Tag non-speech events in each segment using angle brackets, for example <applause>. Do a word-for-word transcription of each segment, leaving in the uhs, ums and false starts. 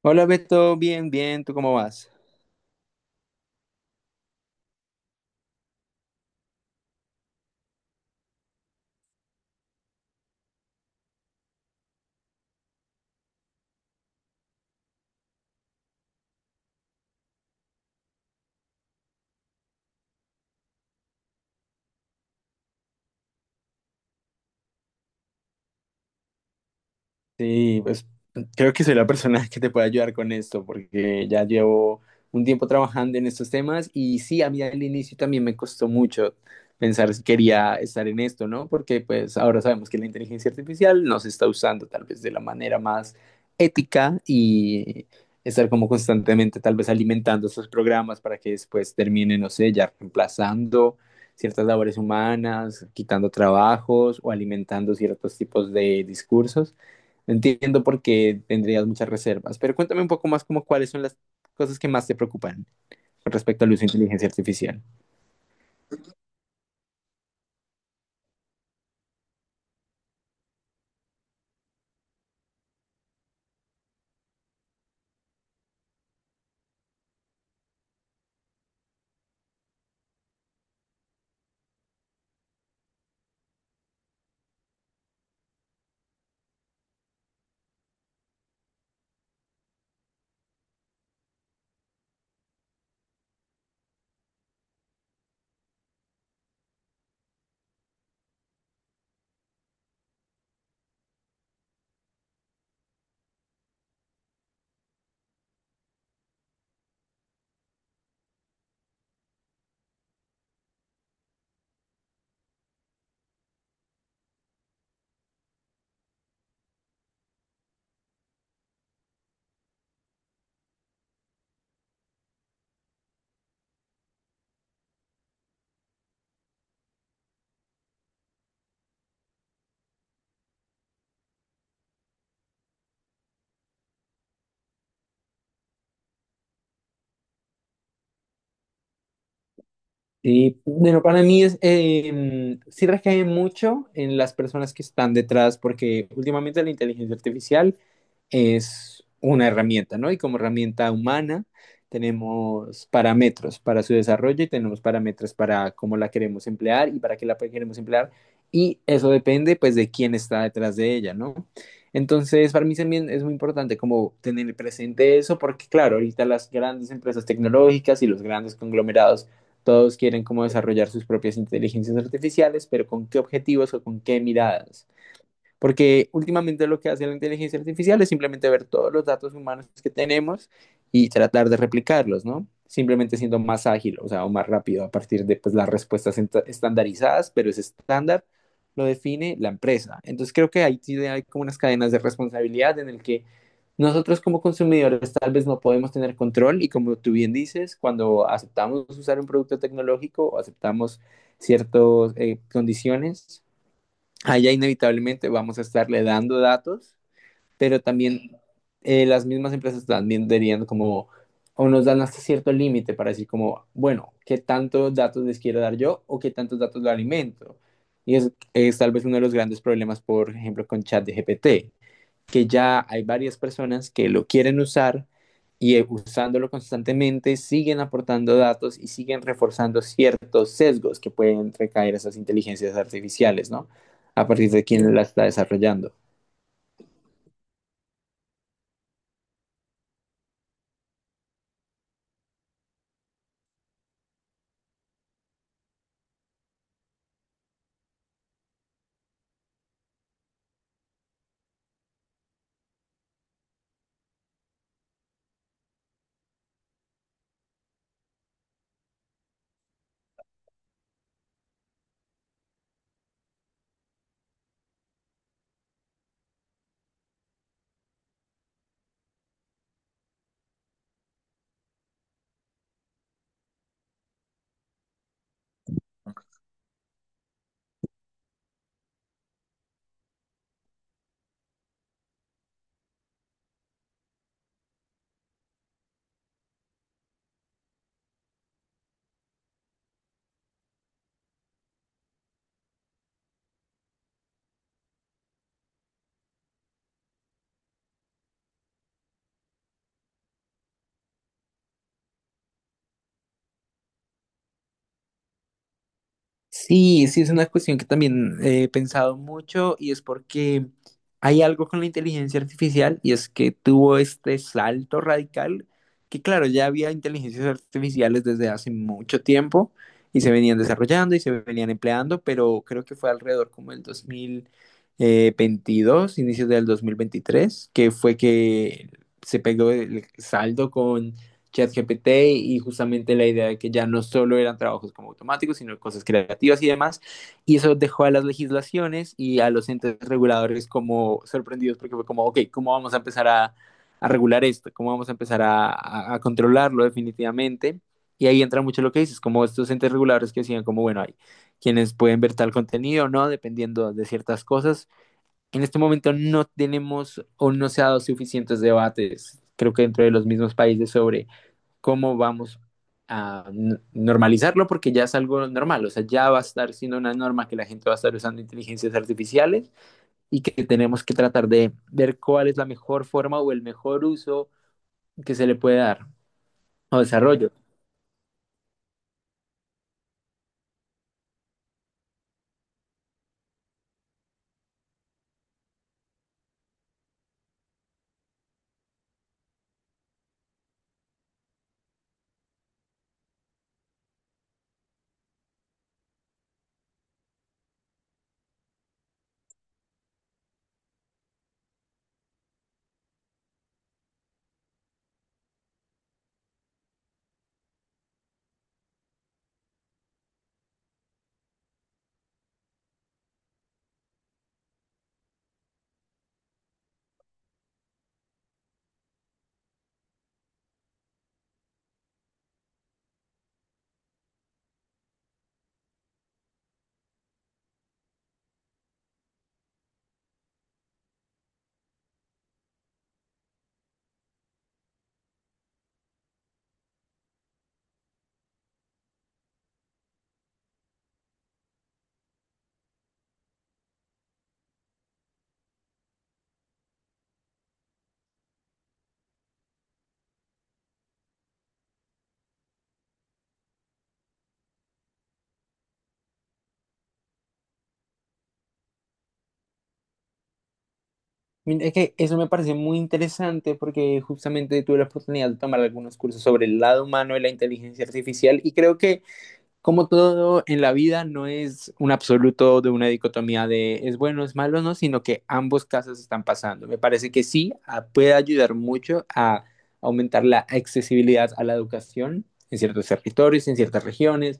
Hola Beto, bien, bien, ¿tú cómo vas? Sí, pues creo que soy la persona <laughs> que te puede ayudar con esto, porque ya llevo un tiempo trabajando en estos temas y sí, a mí al inicio también me costó mucho pensar si quería estar en esto, ¿no? Porque pues ahora sabemos que la inteligencia artificial no se está usando tal vez de la manera más ética y estar como constantemente tal vez alimentando estos programas para que después terminen, no sé, ya reemplazando ciertas labores humanas, quitando trabajos o alimentando ciertos tipos de discursos. Entiendo por qué tendrías muchas reservas, pero cuéntame un poco más como cuáles son las cosas que más te preocupan con respecto al uso de inteligencia artificial. Sí, bueno, para mí es, em, sí recae mucho en las personas que están detrás, porque últimamente la inteligencia artificial es una herramienta, ¿no? Y como herramienta humana tenemos parámetros para su desarrollo y tenemos parámetros para cómo la queremos emplear y para qué la queremos emplear. Y eso depende, pues, de quién está detrás de ella, ¿no? Entonces, para mí también es muy importante como tener presente eso, porque claro, ahorita las grandes empresas tecnológicas y los grandes conglomerados todos quieren como desarrollar sus propias inteligencias artificiales, pero ¿con qué objetivos o con qué miradas? Porque últimamente lo que hace la inteligencia artificial es simplemente ver todos los datos humanos que tenemos y tratar de replicarlos, ¿no? Simplemente siendo más ágil, o sea, o más rápido a partir de pues, las respuestas ent- estandarizadas, pero ese estándar lo define la empresa. Entonces creo que ahí sí hay como unas cadenas de responsabilidad en el que nosotros como consumidores tal vez no podemos tener control y como tú bien dices, cuando aceptamos usar un producto tecnológico o aceptamos ciertas eh, condiciones, allá inevitablemente vamos a estarle dando datos, pero también eh, las mismas empresas también dirían como, o nos dan hasta cierto límite para decir como, bueno, ¿qué tantos datos les quiero dar yo o qué tantos datos lo alimento? Y es, es tal vez uno de los grandes problemas, por ejemplo, con ChatGPT, que ya hay varias personas que lo quieren usar y eh, usándolo constantemente siguen aportando datos y siguen reforzando ciertos sesgos que pueden recaer esas inteligencias artificiales, ¿no? A partir de quién la está desarrollando. Sí, sí, es una cuestión que también he pensado mucho y es porque hay algo con la inteligencia artificial y es que tuvo este salto radical que claro, ya había inteligencias artificiales desde hace mucho tiempo y se venían desarrollando y se venían empleando, pero creo que fue alrededor como el dos mil eh, veintidós, inicios del dos mil veintitrés que fue que se pegó el saldo ChatGPT y justamente la idea de que ya no solo eran trabajos como automáticos, sino cosas creativas y demás. Y eso dejó a las legislaciones y a los entes reguladores como sorprendidos porque fue como, ok, ¿cómo vamos a empezar a, a regular esto? ¿Cómo vamos a empezar a, a, a controlarlo definitivamente? Y ahí entra mucho lo que dices, como estos entes reguladores que decían como, bueno, hay quienes pueden ver tal contenido o no, dependiendo de ciertas cosas. En este momento no tenemos o no se ha dado suficientes debates, creo que dentro de los mismos países sobre cómo vamos a n- normalizarlo porque ya es algo normal, o sea, ya va a estar siendo una norma que la gente va a estar usando inteligencias artificiales y que tenemos que tratar de ver cuál es la mejor forma o el mejor uso que se le puede dar o desarrollo. Mira, es que eso me parece muy interesante porque justamente tuve la oportunidad de tomar algunos cursos sobre el lado humano de la inteligencia artificial y creo que como todo en la vida no es un absoluto de una dicotomía de es bueno, es malo, no, sino que ambos casos están pasando. Me parece que sí a- puede ayudar mucho a aumentar la accesibilidad a la educación en ciertos territorios, en ciertas regiones,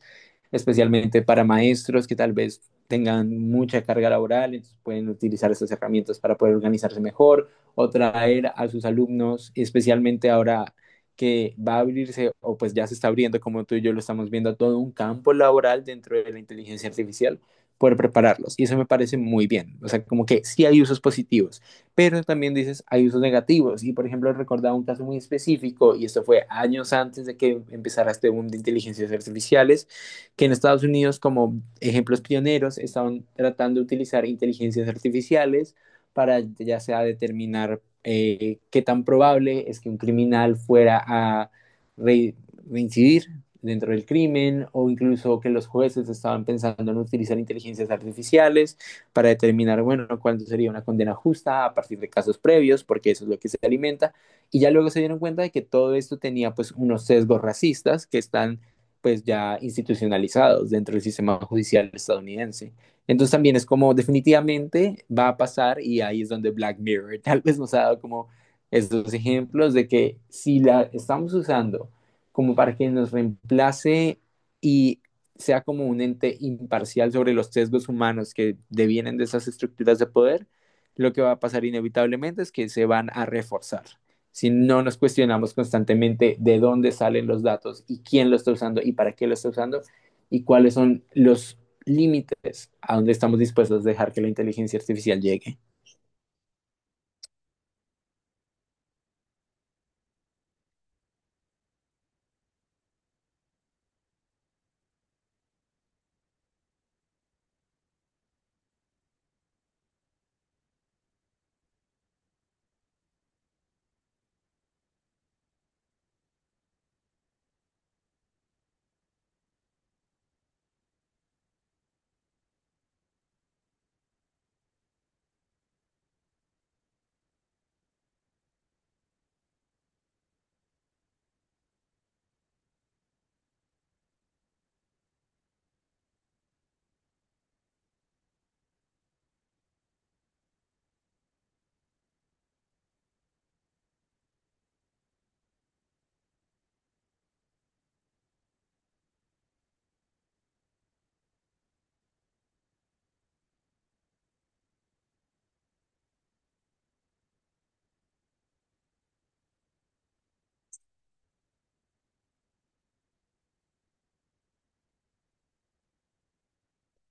especialmente para maestros que tal vez tengan mucha carga laboral, entonces pueden utilizar estas herramientas para poder organizarse mejor o traer a sus alumnos, especialmente ahora que va a abrirse, o pues ya se está abriendo, como tú y yo lo estamos viendo, todo un campo laboral dentro de la inteligencia artificial por prepararlos. Y eso me parece muy bien. O sea, como que sí hay usos positivos, pero también dices, hay usos negativos. Y por ejemplo, recordaba un caso muy específico, y esto fue años antes de que empezara este boom de inteligencias artificiales, que en Estados Unidos, como ejemplos pioneros, estaban tratando de utilizar inteligencias artificiales para ya sea determinar eh, qué tan probable es que un criminal fuera a re reincidir dentro del crimen o incluso que los jueces estaban pensando en utilizar inteligencias artificiales para determinar, bueno, cuándo sería una condena justa a partir de casos previos, porque eso es lo que se alimenta. Y ya luego se dieron cuenta de que todo esto tenía pues unos sesgos racistas que están pues ya institucionalizados dentro del sistema judicial estadounidense. Entonces también es como definitivamente va a pasar y ahí es donde Black Mirror <laughs> tal vez nos ha dado como estos ejemplos de que si la estamos usando como para que nos reemplace y sea como un ente imparcial sobre los sesgos humanos que devienen de esas estructuras de poder, lo que va a pasar inevitablemente es que se van a reforzar. Si no nos cuestionamos constantemente de dónde salen los datos y quién lo está usando y para qué lo está usando y cuáles son los límites a donde estamos dispuestos a dejar que la inteligencia artificial llegue.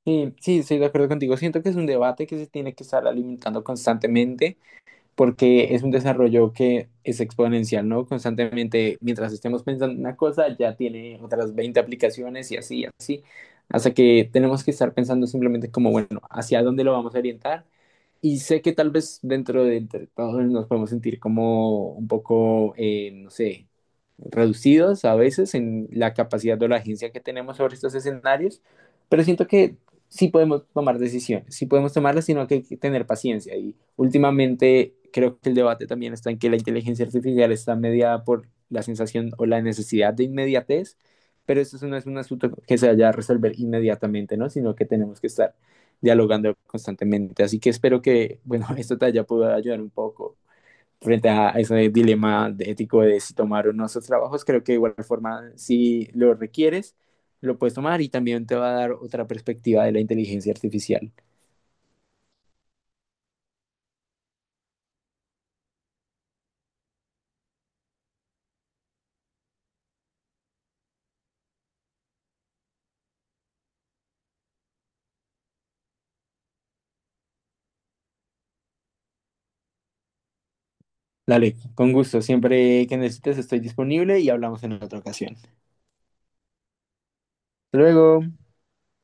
Sí, sí, estoy de acuerdo contigo. Siento que es un debate que se tiene que estar alimentando constantemente porque es un desarrollo que es exponencial, ¿no? Constantemente, mientras estemos pensando en una cosa, ya tiene otras veinte aplicaciones y así, así, hasta que tenemos que estar pensando simplemente como, bueno, hacia dónde lo vamos a orientar. Y sé que tal vez dentro de entre todos nos podemos sentir como un poco, eh, no sé, reducidos a veces en la capacidad o la agencia que tenemos sobre estos escenarios, pero siento que sí podemos tomar decisiones, sí podemos tomarlas, sino que hay que tener paciencia. Y últimamente creo que el debate también está en que la inteligencia artificial está mediada por la sensación o la necesidad de inmediatez, pero esto no es un asunto que se vaya a resolver inmediatamente, ¿no? Sino que tenemos que estar dialogando constantemente. Así que espero que, bueno, <laughs> esto te haya podido ayudar un poco frente a ese dilema de- ético de si tomar o no esos trabajos, creo que de igual forma, si lo requieres, lo puedes tomar y también te va a dar otra perspectiva de la inteligencia artificial. Dale, con gusto, siempre que necesites estoy disponible y hablamos en otra ocasión. Hasta luego.